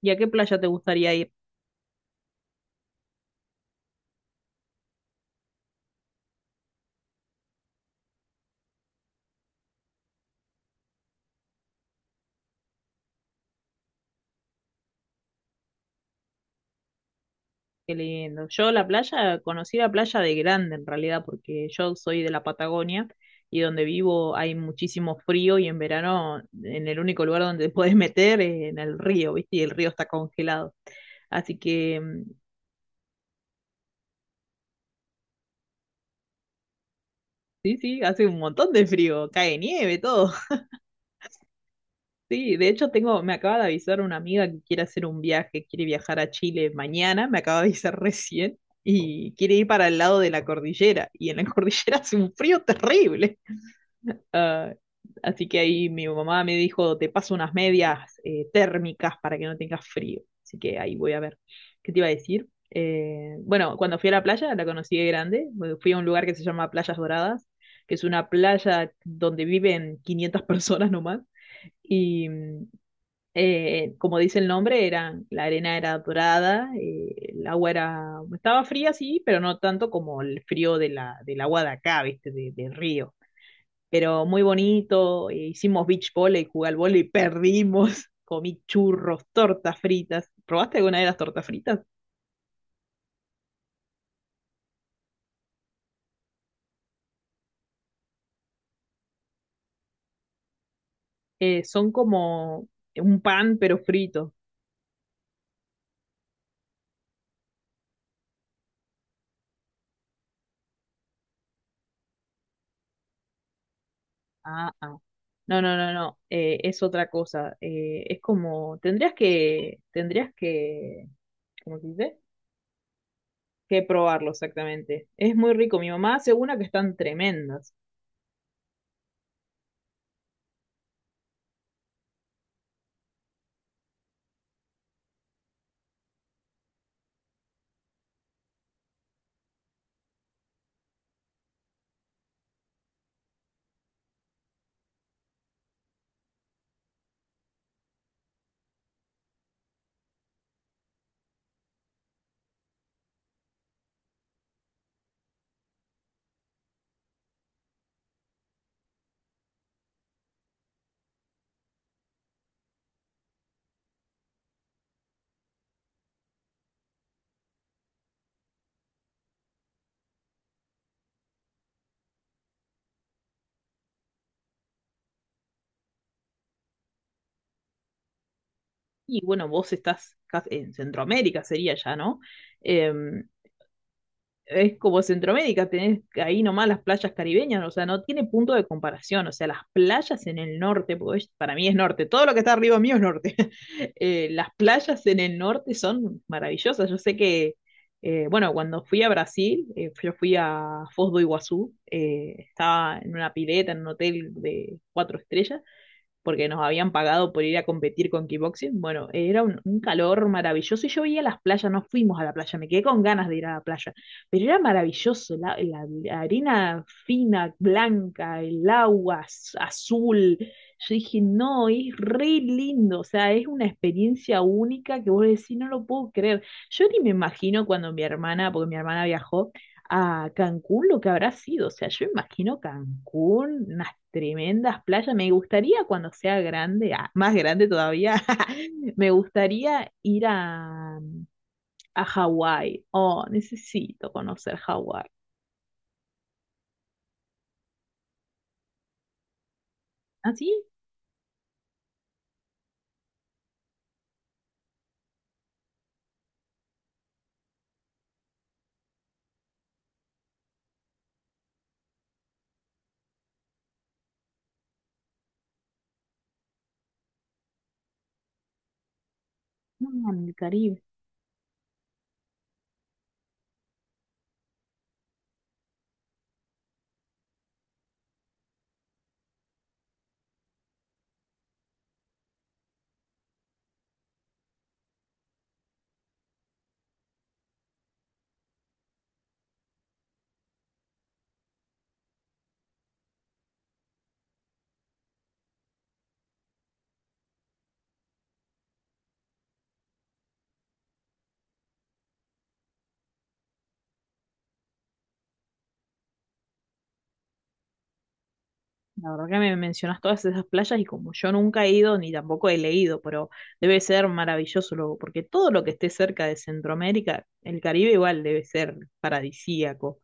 ¿Y a qué playa te gustaría ir? Qué lindo. Yo la playa, conocí la playa de grande en realidad, porque yo soy de la Patagonia y donde vivo hay muchísimo frío y en verano en el único lugar donde te puedes meter es en el río, ¿viste? Y el río está congelado. Así que sí, sí, hace un montón de frío, cae nieve, todo. Sí, de hecho tengo, me acaba de avisar una amiga que quiere hacer un viaje, quiere viajar a Chile mañana, me acaba de avisar recién, y quiere ir para el lado de la cordillera, y en la cordillera hace un frío terrible. Ah, así que ahí mi mamá me dijo, te paso unas medias térmicas para que no tengas frío. Así que ahí voy a ver. ¿Qué te iba a decir? Bueno, cuando fui a la playa, la conocí de grande, bueno, fui a un lugar que se llama Playas Doradas, que es una playa donde viven 500 personas nomás. Y como dice el nombre, era, la arena era dorada, el agua era, estaba fría, sí, pero no tanto como el frío de del agua de acá, ¿viste? Del río. Pero muy bonito, hicimos beach volley, jugué al volley, perdimos, comí churros, tortas fritas. ¿Probaste alguna de las tortas fritas? Son como un pan, pero frito. Ah, ah. No, no, no, no, es otra cosa. Es como, tendrías que, ¿cómo se dice? Que probarlo exactamente. Es muy rico. Mi mamá hace una que están tremendas. Y bueno, vos estás en Centroamérica, sería ya, ¿no? Eh, es como Centroamérica, tenés ahí nomás las playas caribeñas, o sea, no tiene punto de comparación. O sea, las playas en el norte, porque para mí es norte, todo lo que está arriba mío es norte. Las playas en el norte son maravillosas. Yo sé que, bueno, cuando fui a Brasil, yo fui a Foz do Iguazú, estaba en una pileta, en un hotel de cuatro estrellas. Porque nos habían pagado por ir a competir con kickboxing. Bueno, era un calor maravilloso y yo veía las playas, no fuimos a la playa, me quedé con ganas de ir a la playa, pero era maravilloso, la arena fina, blanca, el agua azul. Yo dije, no, es re lindo, o sea, es una experiencia única que vos decís, no lo puedo creer. Yo ni me imagino cuando mi hermana, porque mi hermana viajó, a Cancún lo que habrá sido. O sea, yo imagino Cancún, unas tremendas playas. Me gustaría cuando sea grande, más grande todavía, me gustaría ir a, Hawái. Oh, necesito conocer Hawái. ¿Así? No, no, en el Caribe. La verdad que me mencionas todas esas playas y como yo nunca he ido ni tampoco he leído, pero debe ser maravilloso luego, porque todo lo que esté cerca de Centroamérica, el Caribe igual debe ser paradisíaco.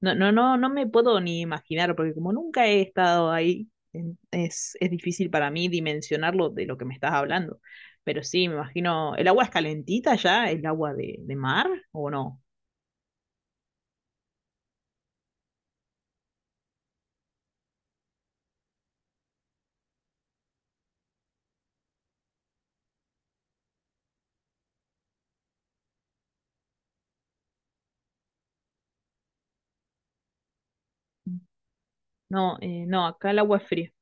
No, no, no, no me puedo ni imaginar, porque como nunca he estado ahí, es difícil para mí dimensionarlo de lo que me estás hablando. Pero sí, me imagino, ¿el agua es calentita ya? ¿El agua de, mar o no? No, no, acá el agua es fría,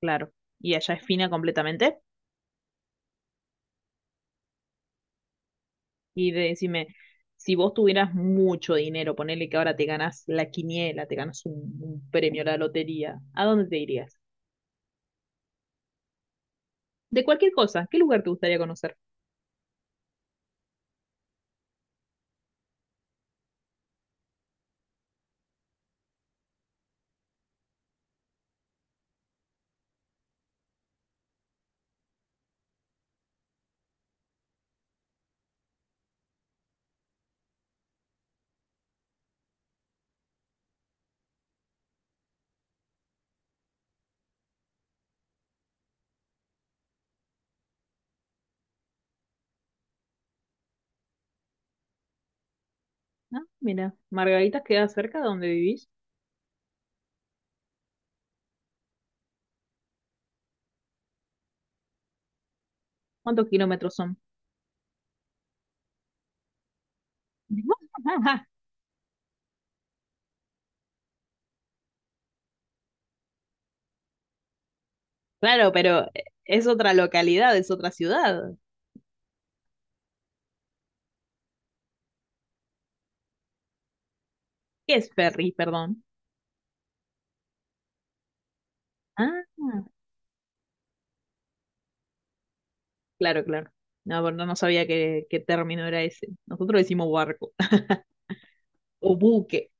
claro. ¿Y allá es fina completamente? Y decime, si vos tuvieras mucho dinero, ponele que ahora te ganas la quiniela, te ganas un premio, la lotería, ¿a dónde te irías? De cualquier cosa, ¿qué lugar te gustaría conocer? Ah, mira, Margaritas queda cerca de donde vivís. ¿Cuántos kilómetros son? Claro, pero es otra localidad, es otra ciudad. ¿Qué es Ferry, perdón? Ah, claro, claro. No, pero no no sabía qué término era ese. Nosotros decimos barco o buque.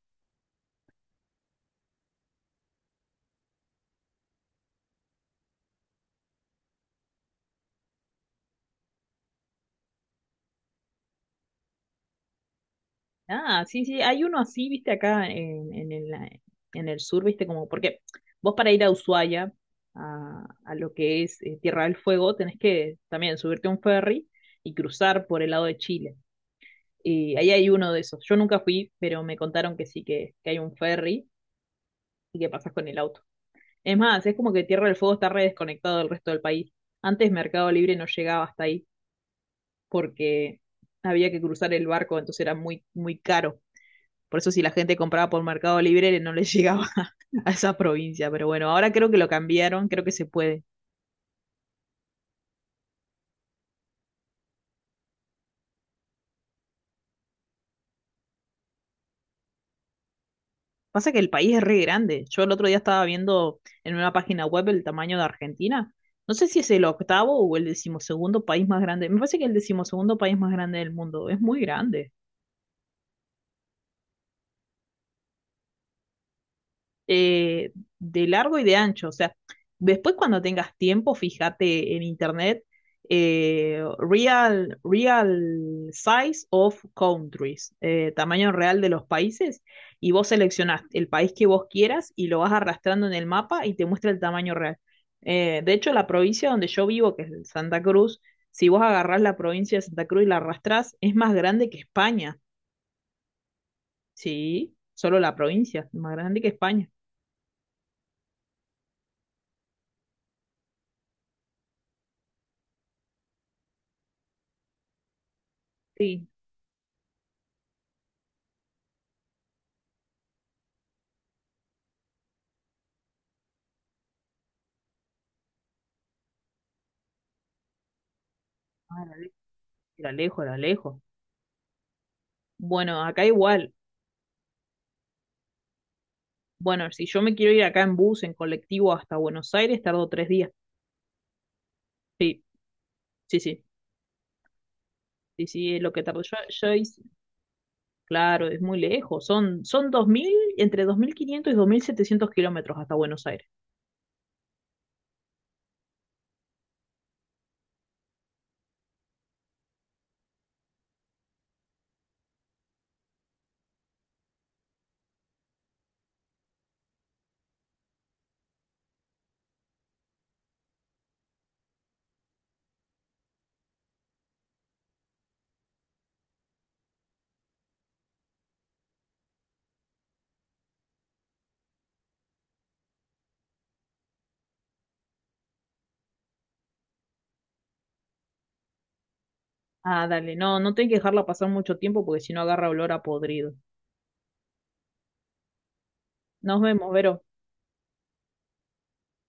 Ah, sí, sí, hay uno así, viste, acá en, en el sur, viste, como, porque vos para ir a Ushuaia, a, lo que es Tierra del Fuego, tenés que también subirte a un ferry y cruzar por el lado de Chile. Y ahí hay uno de esos. Yo nunca fui, pero me contaron que sí, que hay un ferry y que pasas con el auto. Es más, es como que Tierra del Fuego está re desconectado del resto del país. Antes Mercado Libre no llegaba hasta ahí porque había que cruzar el barco, entonces era muy, muy caro. Por eso si la gente compraba por Mercado Libre no les llegaba a esa provincia. Pero bueno, ahora creo que lo cambiaron, creo que se puede. Pasa que el país es re grande. Yo el otro día estaba viendo en una página web el tamaño de Argentina. No sé si es el octavo o el decimosegundo país más grande. Me parece que es el decimosegundo país más grande del mundo. Es muy grande. eh, de largo y de ancho. O sea, después cuando tengas tiempo, fíjate en internet, real size of countries, tamaño real de los países, y vos seleccionás el país que vos quieras y lo vas arrastrando en el mapa y te muestra el tamaño real. De hecho, la provincia donde yo vivo, que es Santa Cruz, si vos agarrás la provincia de Santa Cruz y la arrastrás, es más grande que España. Sí, solo la provincia, es más grande que España. Sí. Era lejos, era lejos. Bueno, acá igual. Bueno, si yo me quiero ir acá en bus, en colectivo hasta Buenos Aires, tardo 3 días. Sí, sí, sí. Sí, sí, es lo que tardo yo. Claro, es muy lejos. Son 2.000 entre 2.500 y 2.700 kilómetros hasta Buenos Aires. Ah, dale, no, no tengo que dejarla pasar mucho tiempo porque si no agarra olor a podrido. Nos vemos, Vero.